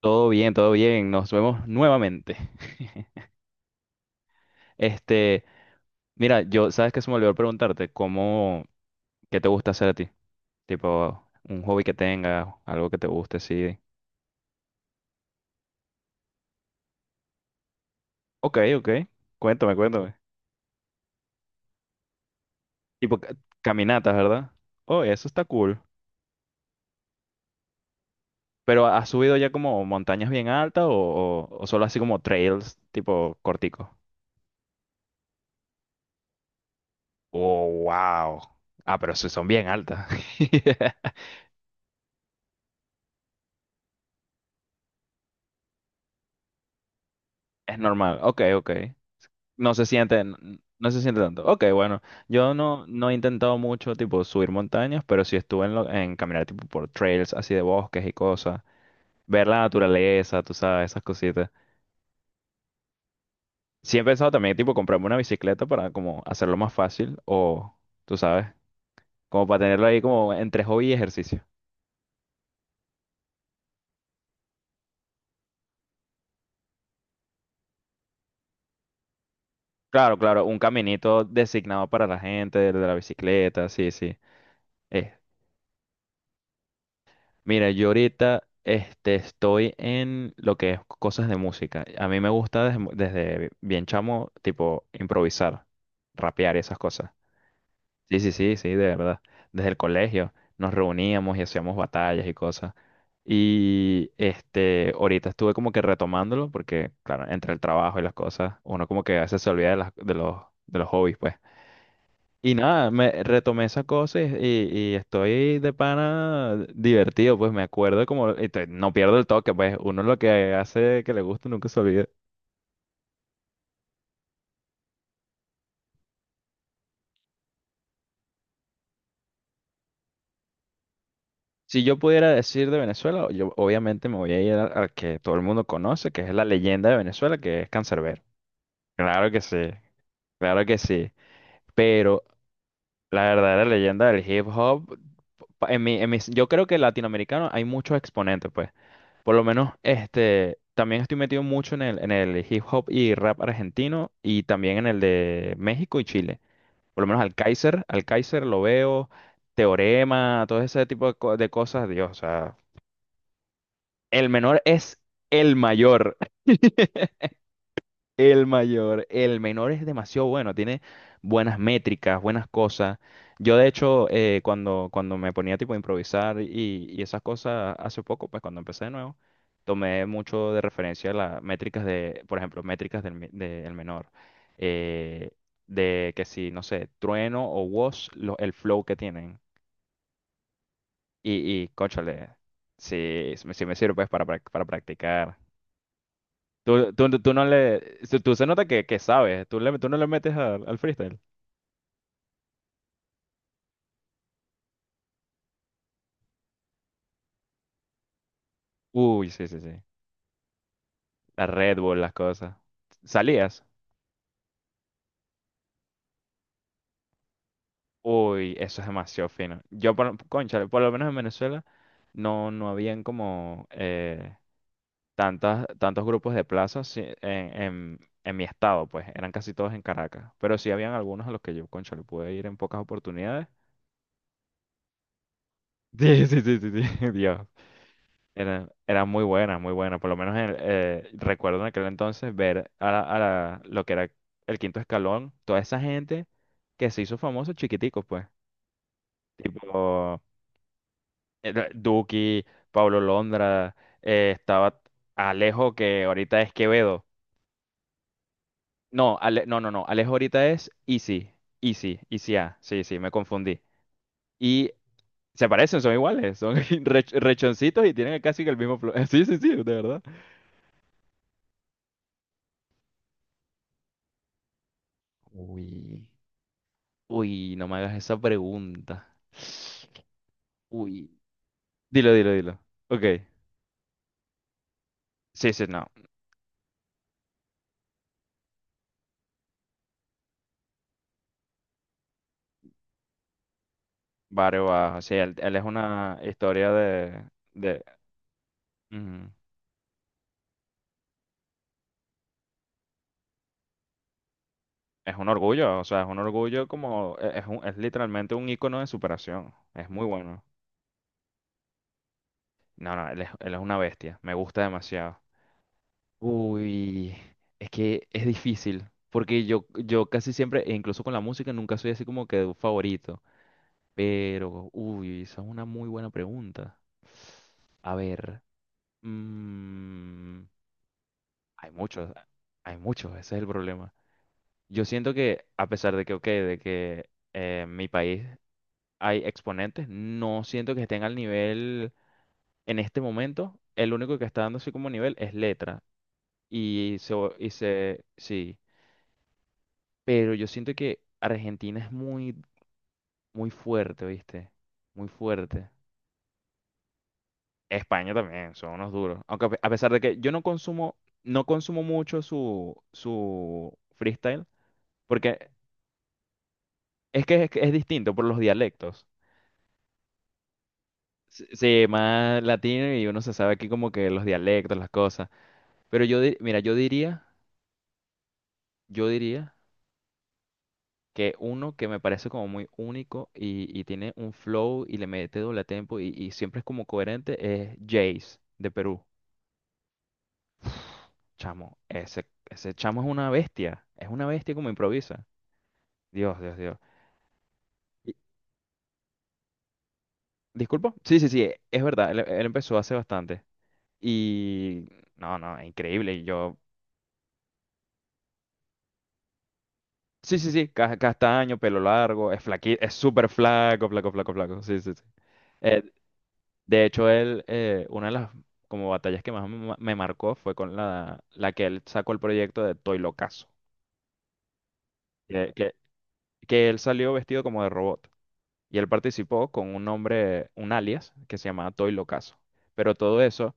Todo bien, todo bien. Nos vemos nuevamente. Este, mira, yo, ¿sabes qué se me olvidó preguntarte? ¿Qué te gusta hacer a ti? Tipo, un hobby que tengas, algo que te guste, sí. Ok, ok. Cuéntame, cuéntame. Tipo, caminatas, ¿verdad? Oh, eso está cool. Pero ¿has subido ya como montañas bien altas o solo así como trails, tipo corticos? Oh, wow. Ah, pero sí son bien altas. Es normal. Ok, ok. No se sienten, no se siente tanto. Ok, bueno, yo no, no he intentado mucho tipo subir montañas, pero sí estuve en, en caminar tipo por trails así de bosques y cosas, ver la naturaleza, tú sabes, esas cositas. Sí he pensado también tipo comprarme una bicicleta para como hacerlo más fácil o, tú sabes, como para tenerlo ahí como entre hobby y ejercicio. Claro, claro, un caminito designado para la gente de la bicicleta, sí, sí. Eh, Mira, yo ahorita estoy en lo que es cosas de música. A mí me gusta desde bien chamo, tipo, improvisar, rapear y esas cosas. Sí, sí, sí, sí, de verdad. Desde el colegio nos reuníamos y hacíamos batallas y cosas. Ahorita estuve como que retomándolo porque, claro, entre el trabajo y las cosas, uno como que a veces se olvida de de los hobbies, pues. Y nada, me retomé esas cosas y estoy de pana divertido, pues me acuerdo como, y no pierdo el toque, pues uno lo que hace que le gusta nunca se olvida. Si yo pudiera decir de Venezuela, yo obviamente me voy a ir al que todo el mundo conoce, que es la leyenda de Venezuela, que es Canserbero. Claro que sí, claro que sí. Pero la verdadera leyenda del hip hop, pa- en mi, en mis- yo creo que latinoamericano hay muchos exponentes, pues. Por lo menos, también estoy metido mucho en en el hip hop y rap argentino y también en el de México y Chile. Por lo menos al Kaiser lo veo, Teorema, todo ese tipo de, de cosas, Dios, o sea, el menor es el mayor. El mayor, el menor es demasiado bueno, tiene buenas métricas, buenas cosas. Yo de hecho, cuando me ponía tipo a improvisar y esas cosas hace poco, pues cuando empecé de nuevo, tomé mucho de referencia las métricas de, por ejemplo, métricas del menor. eh, de que si, no sé, Trueno o Woz, el flow que tienen. Y cónchale, sí, sí me sirve pues para, para practicar. Tú no Tú se nota que sabes. Tú no le metes al freestyle. Uy, sí, sí, sí. La Red Bull, las cosas. ¿Salías? Uy, eso es demasiado fino. Yo, por, cónchale, por lo menos en Venezuela no habían como tantos grupos de plazas sí, en mi estado, pues. Eran casi todos en Caracas. Pero sí habían algunos a los que yo, cónchale, pude ir en pocas oportunidades. Sí, sí, sí, sí, sí. Dios. Era, era muy buena, muy buena. Por lo menos en recuerdo en aquel entonces ver a, lo que era el quinto escalón, toda esa gente que se hizo famoso chiquitico, pues. Tipo era Duki, Pablo Londra, estaba Alejo, que ahorita es Quevedo. No. Alejo ahorita es Easy, Easy, Easy A. Sí, sí, me confundí. Y se parecen, son iguales, son rechoncitos y tienen casi que el mismo flow. Sí, sí, sí, de verdad. Uy. Uy, no me hagas esa pregunta. Uy. Dilo, dilo, dilo. Ok. Sí, sí, no. Barrio Bajo. Sí, él es una historia de... mm, Es un orgullo, o sea, es un orgullo como... Es, es literalmente un ícono de superación. Es muy bueno. No, no, él es una bestia. Me gusta demasiado. Uy, es que es difícil. Porque yo casi siempre, e incluso con la música, nunca soy así como que de un favorito. Pero, uy, esa es una muy buena pregunta. A ver, mm, hay muchos, hay muchos, ese es el problema. Yo siento que, a pesar de que, ok, de que en mi país hay exponentes, no siento que estén al nivel en este momento. El único que está dando así como nivel es Letra. Y sí, pero yo siento que Argentina es muy, muy fuerte, ¿viste? Muy fuerte. España también, son unos duros. Aunque a pesar de que yo no consumo, no consumo mucho su, su freestyle, porque es que es, que es distinto por los dialectos. Sí, más latino y uno se sabe aquí como que los dialectos, las cosas. Pero yo, mira, yo diría que uno que me parece como muy único y tiene un flow y le mete doble tempo y siempre es como coherente es Jace de Perú. Chamo, ese chamo es una bestia como improvisa. Dios, Dios, Dios. Y- ¿Disculpa? Sí, sí, sí, es verdad, él empezó hace bastante. Y no, no, es increíble. Y yo, sí, sí, sí, castaño, pelo largo, es flaqui, es súper flaco, flaco, flaco, flaco. Sí, sí, sí. Eh, de hecho, él, una de las como batallas que más me marcó fue con la, la que él sacó el proyecto de Toy Locazo. Que, que, que él salió vestido como de robot. Y él participó con un nombre, un alias, que se llamaba Toy Locazo. Pero todo eso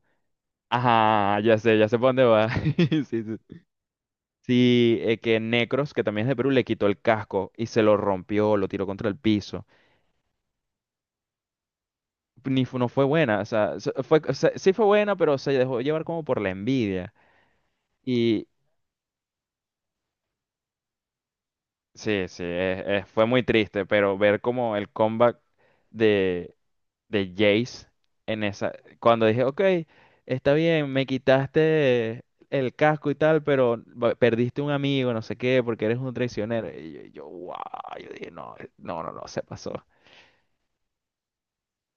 Ajá, ya sé por dónde va. Sí, sí. Sí, que Necros, que también es de Perú, le quitó el casco y se lo rompió, lo tiró contra el piso. Ni fu- No fue buena, o sea, fue, o sea, sí fue buena, pero se dejó llevar como por la envidia. Y sí, sí, fue muy triste, pero ver como el comeback de Jace en esa. Cuando dije, ok, está bien, me quitaste el casco y tal, pero perdiste un amigo, no sé qué, porque eres un traicionero. Y yo, wow, yo dije, no, no, no, no, se pasó.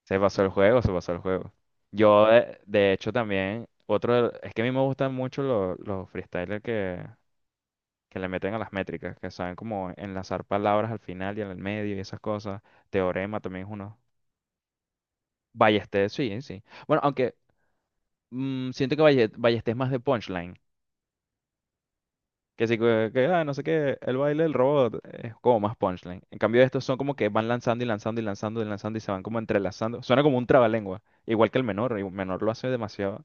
Se pasó el juego, se pasó el juego. Yo, de hecho, también, otro, es que a mí me gustan mucho los freestylers que le meten a las métricas, que saben como enlazar palabras al final y al medio y esas cosas. Teorema también es uno. Ballester, sí, sí. Bueno, aunque siento que Ballestés es más de punchline. Que no sé qué, el baile del robot es como más punchline. En cambio, estos son como que van lanzando y lanzando y lanzando y lanzando y se van como entrelazando. Suena como un trabalengua. Igual que el menor, y el menor lo hace demasiado.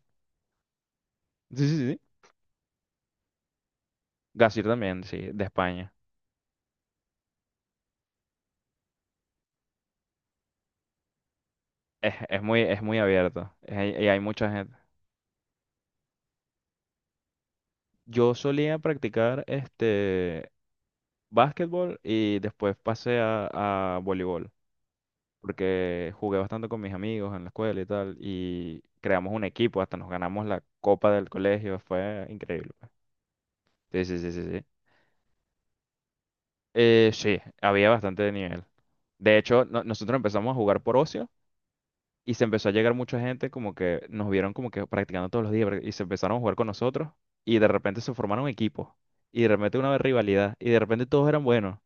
Sí, sí, sí. Gasir también, sí, de España. Es muy, es muy abierto. Y hay mucha gente. Yo solía practicar básquetbol y después pasé a voleibol. Porque jugué bastante con mis amigos en la escuela y tal, y creamos un equipo, hasta nos ganamos la copa del colegio, fue increíble, pues. Sí, sí, sí, sí, sí. Sí, había bastante de nivel. De hecho, nosotros empezamos a jugar por ocio y se empezó a llegar mucha gente como que nos vieron como que practicando todos los días y se empezaron a jugar con nosotros y de repente se formaron equipos y de repente una rivalidad y de repente todos eran buenos.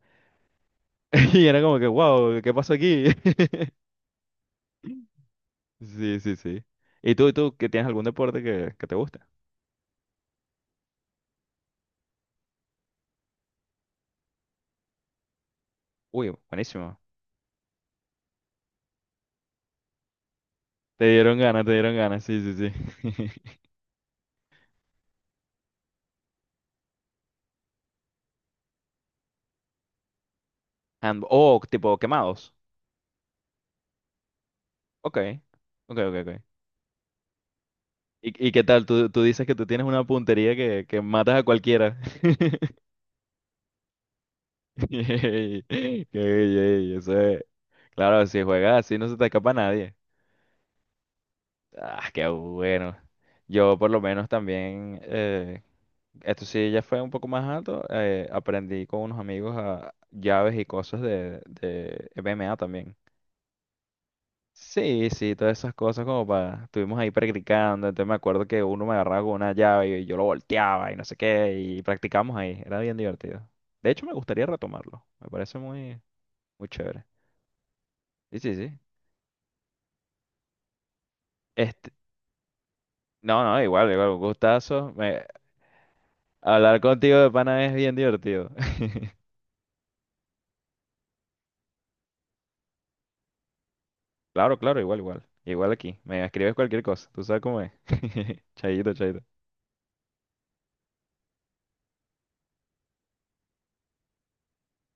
Y era como que, wow, ¿qué pasó aquí? Sí, sí, sí. ¿Y que tienes algún deporte que te guste? Uy, buenísimo. Te dieron ganas, sí, sí, sí. Oh, tipo quemados. Ok, ok, ok, ok. Y qué tal? Tú dices que tú tienes una puntería que matas a cualquiera. Ey, ey, ey, eso es. Claro, si juegas así no se te escapa nadie. Ah, qué bueno. Yo por lo menos también, esto sí ya fue un poco más alto, aprendí con unos amigos a llaves y cosas de MMA también. Sí, sí, todas esas cosas como para, estuvimos ahí practicando, entonces me acuerdo que uno me agarraba con una llave y yo lo volteaba y no sé qué, y practicamos ahí, era bien divertido. De hecho, me gustaría retomarlo, me parece muy, muy chévere. Sí, sí, sí. Este, no, no, igual, igual, un gustazo. Hablar contigo de pana es bien divertido. Claro, claro, igual, igual. Igual aquí, me escribes cualquier cosa, tú sabes cómo es. Chaito, chaito.